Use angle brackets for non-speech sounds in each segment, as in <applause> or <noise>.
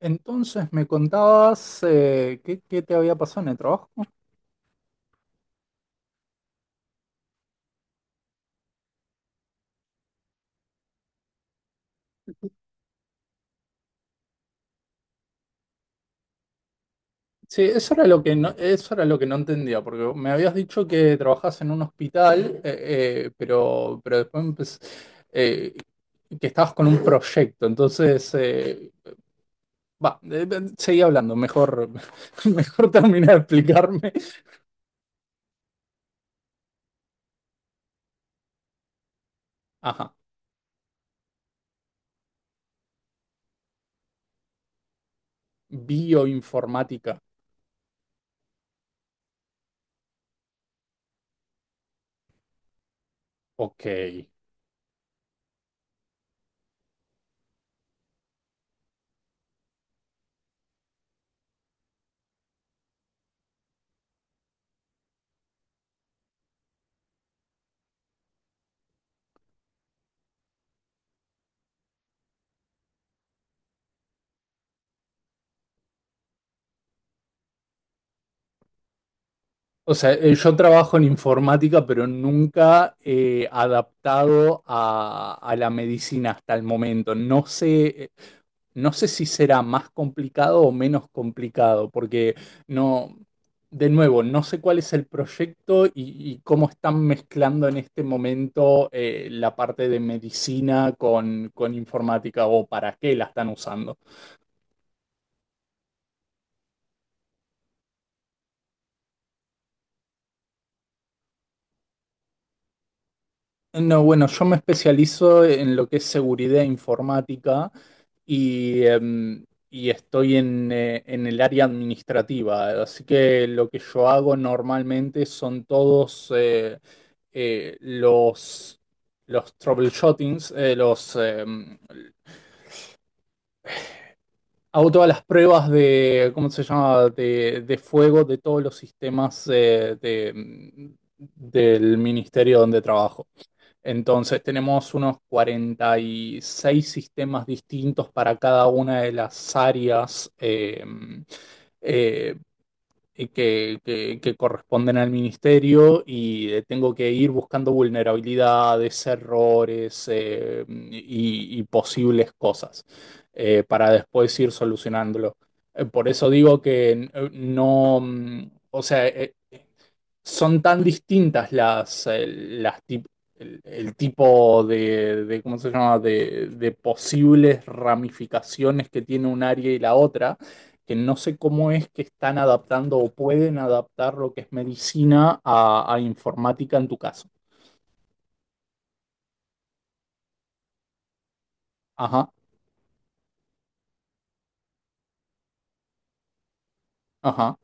Entonces me contabas, qué, qué te había pasado en el trabajo. Sí, eso era lo que no entendía, porque me habías dicho que trabajás en un hospital, pero, pero eh, que estabas con un proyecto. Entonces, va, seguí hablando, mejor, <laughs> mejor termina de explicarme. Ajá, bioinformática. Ok. O sea, yo trabajo en informática, pero nunca adaptado a la medicina hasta el momento. No sé, no sé si será más complicado o menos complicado, porque no, de nuevo, no sé cuál es el proyecto y cómo están mezclando en este momento, la parte de medicina con informática o para qué la están usando. No, bueno, yo me especializo en lo que es seguridad informática y, y estoy en el área administrativa. Así que lo que yo hago normalmente son todos, eh, los, los troubleshootings, hago todas las pruebas de, ¿cómo se llama?, de fuego de todos los sistemas, del ministerio donde trabajo. Entonces tenemos unos 46 sistemas distintos para cada una de las áreas, eh, y que corresponden al ministerio y, tengo que ir buscando vulnerabilidades, errores, y posibles cosas, para después ir solucionándolo. Por eso digo que, no, mm, o sea, son tan distintas las, el tipo de, ¿cómo se llama?, de posibles ramificaciones que tiene un área y la otra, que no sé cómo es que están adaptando o pueden adaptar lo que es medicina a informática en tu caso. Ajá, ajá.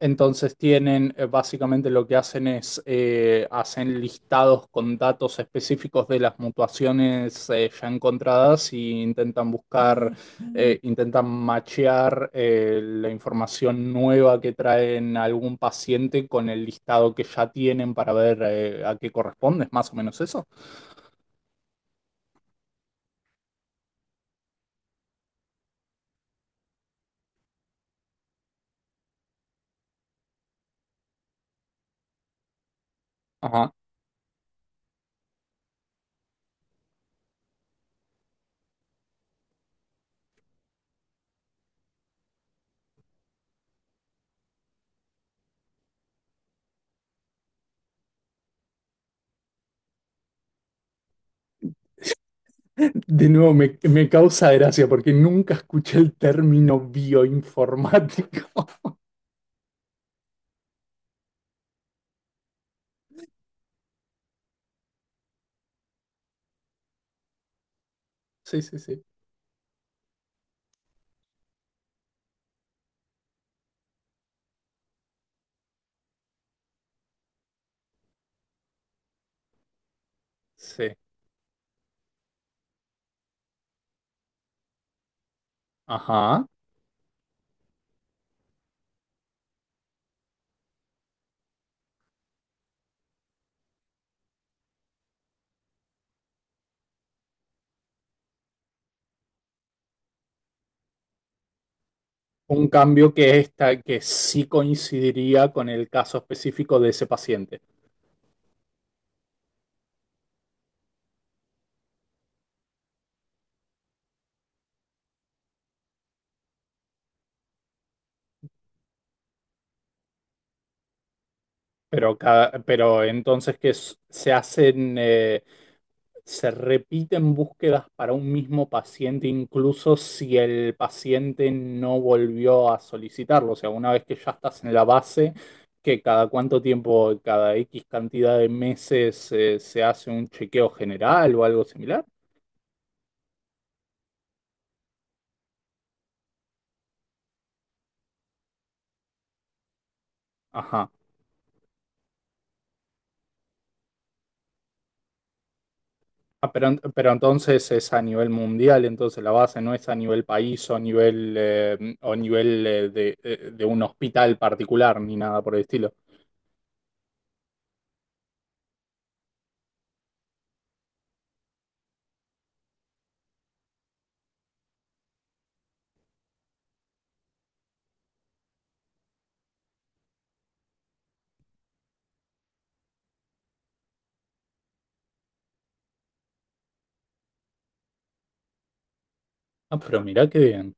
Entonces tienen, básicamente lo que hacen es, hacen listados con datos específicos de las mutuaciones, ya encontradas y intentan buscar, intentan machear, la información nueva que traen algún paciente con el listado que ya tienen para ver, a qué corresponde. ¿Es más o menos eso? Ajá. De nuevo, me causa gracia porque nunca escuché el término bioinformático. <laughs> Sí, sí, sí. Sí. Ajá. Un cambio que está, que sí coincidiría con el caso específico de ese paciente. Pero, pero entonces se hacen, se repiten búsquedas para un mismo paciente, incluso si el paciente no volvió a solicitarlo. O sea, una vez que ya estás en la base, que cada cuánto tiempo, cada X cantidad de meses, se hace un chequeo general o algo similar. Ajá. Ah, pero, pero entonces es a nivel mundial, entonces la base no es a nivel país o a nivel, o nivel, de un hospital particular ni nada por el estilo. Ah, pero mirá qué bien.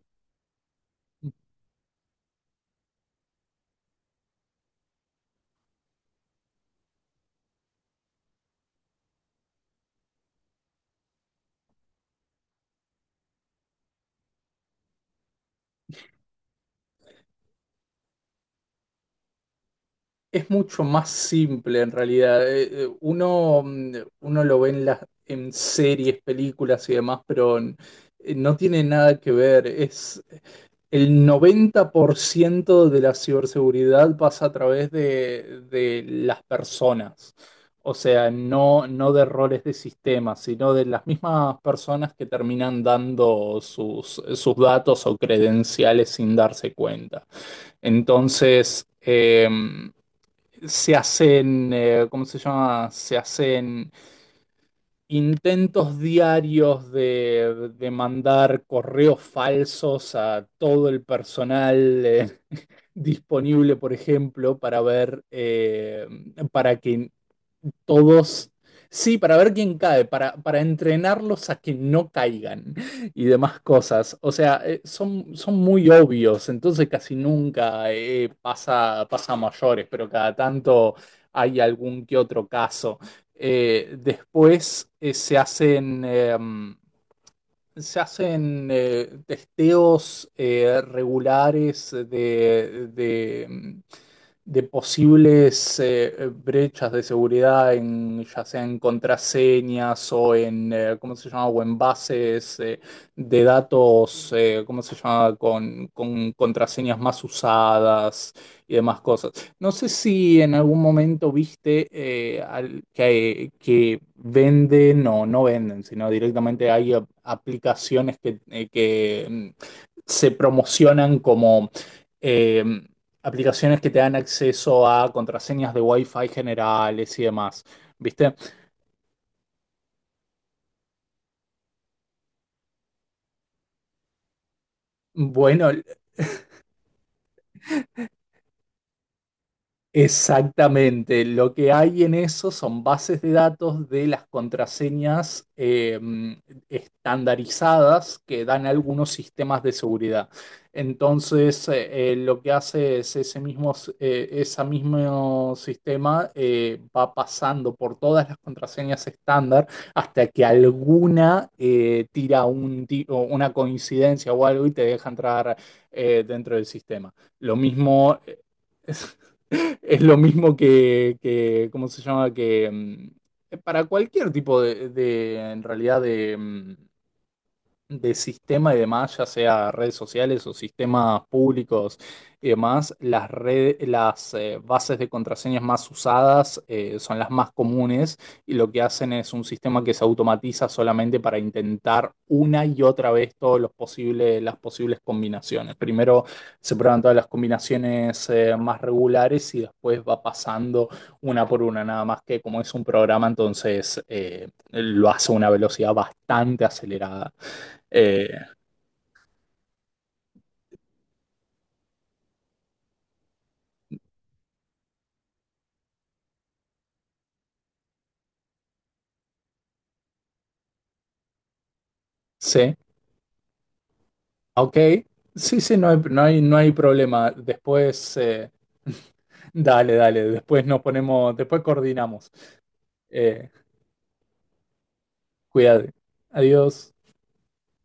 Es mucho más simple en realidad. Uno lo ve en las, en series, películas y demás, pero no tiene nada que ver. Es el 90% de la ciberseguridad, pasa a través de las personas. O sea, no, no de roles de sistemas, sino de las mismas personas que terminan dando sus, sus datos o credenciales sin darse cuenta. Entonces, se hacen, ¿cómo se llama? Se hacen intentos diarios de mandar correos falsos a todo el personal, <laughs> disponible, por ejemplo, para ver, para que todos. Sí, para ver quién cae, para entrenarlos a que no caigan y demás cosas. O sea, son, son muy obvios, entonces casi nunca, pasa, pasa a mayores, pero cada tanto hay algún que otro caso. Después se hacen... se hacen, testeos, regulares de, de posibles, brechas de seguridad, en ya sea en contraseñas o en, ¿cómo se llama? O en bases, de datos, ¿cómo se llama? Con contraseñas más usadas y demás cosas. No sé si en algún momento viste, que venden o no venden, sino directamente hay aplicaciones que, mm, se promocionan como, eh, aplicaciones que te dan acceso a contraseñas de Wi-Fi generales y demás. ¿Viste? Bueno, exactamente, lo que hay en eso son bases de datos de las contraseñas, estandarizadas que dan algunos sistemas de seguridad. Entonces, lo que hace es ese mismo, esa mismo sistema, va pasando por todas las contraseñas estándar hasta que alguna, tira un, o una coincidencia o algo y te deja entrar, dentro del sistema. Lo mismo... <laughs> Es lo mismo que, ¿cómo se llama? Que mm, para cualquier tipo de, en realidad, de, mm, de sistema y demás, ya sea redes sociales o sistemas públicos y demás, las, bases de contraseñas más usadas, son las más comunes y lo que hacen es un sistema que se automatiza solamente para intentar una y otra vez todos los posibles, las posibles combinaciones. Primero se prueban todas las combinaciones, más regulares y después va pasando una por una, nada más que como es un programa, entonces, lo hace a una velocidad bastante acelerada. Eh, sí, ok. Sí, sí, no hay, no hay, no hay problema. Después, <laughs> dale, dale. Después nos ponemos, después coordinamos. Eh, cuídate. Adiós.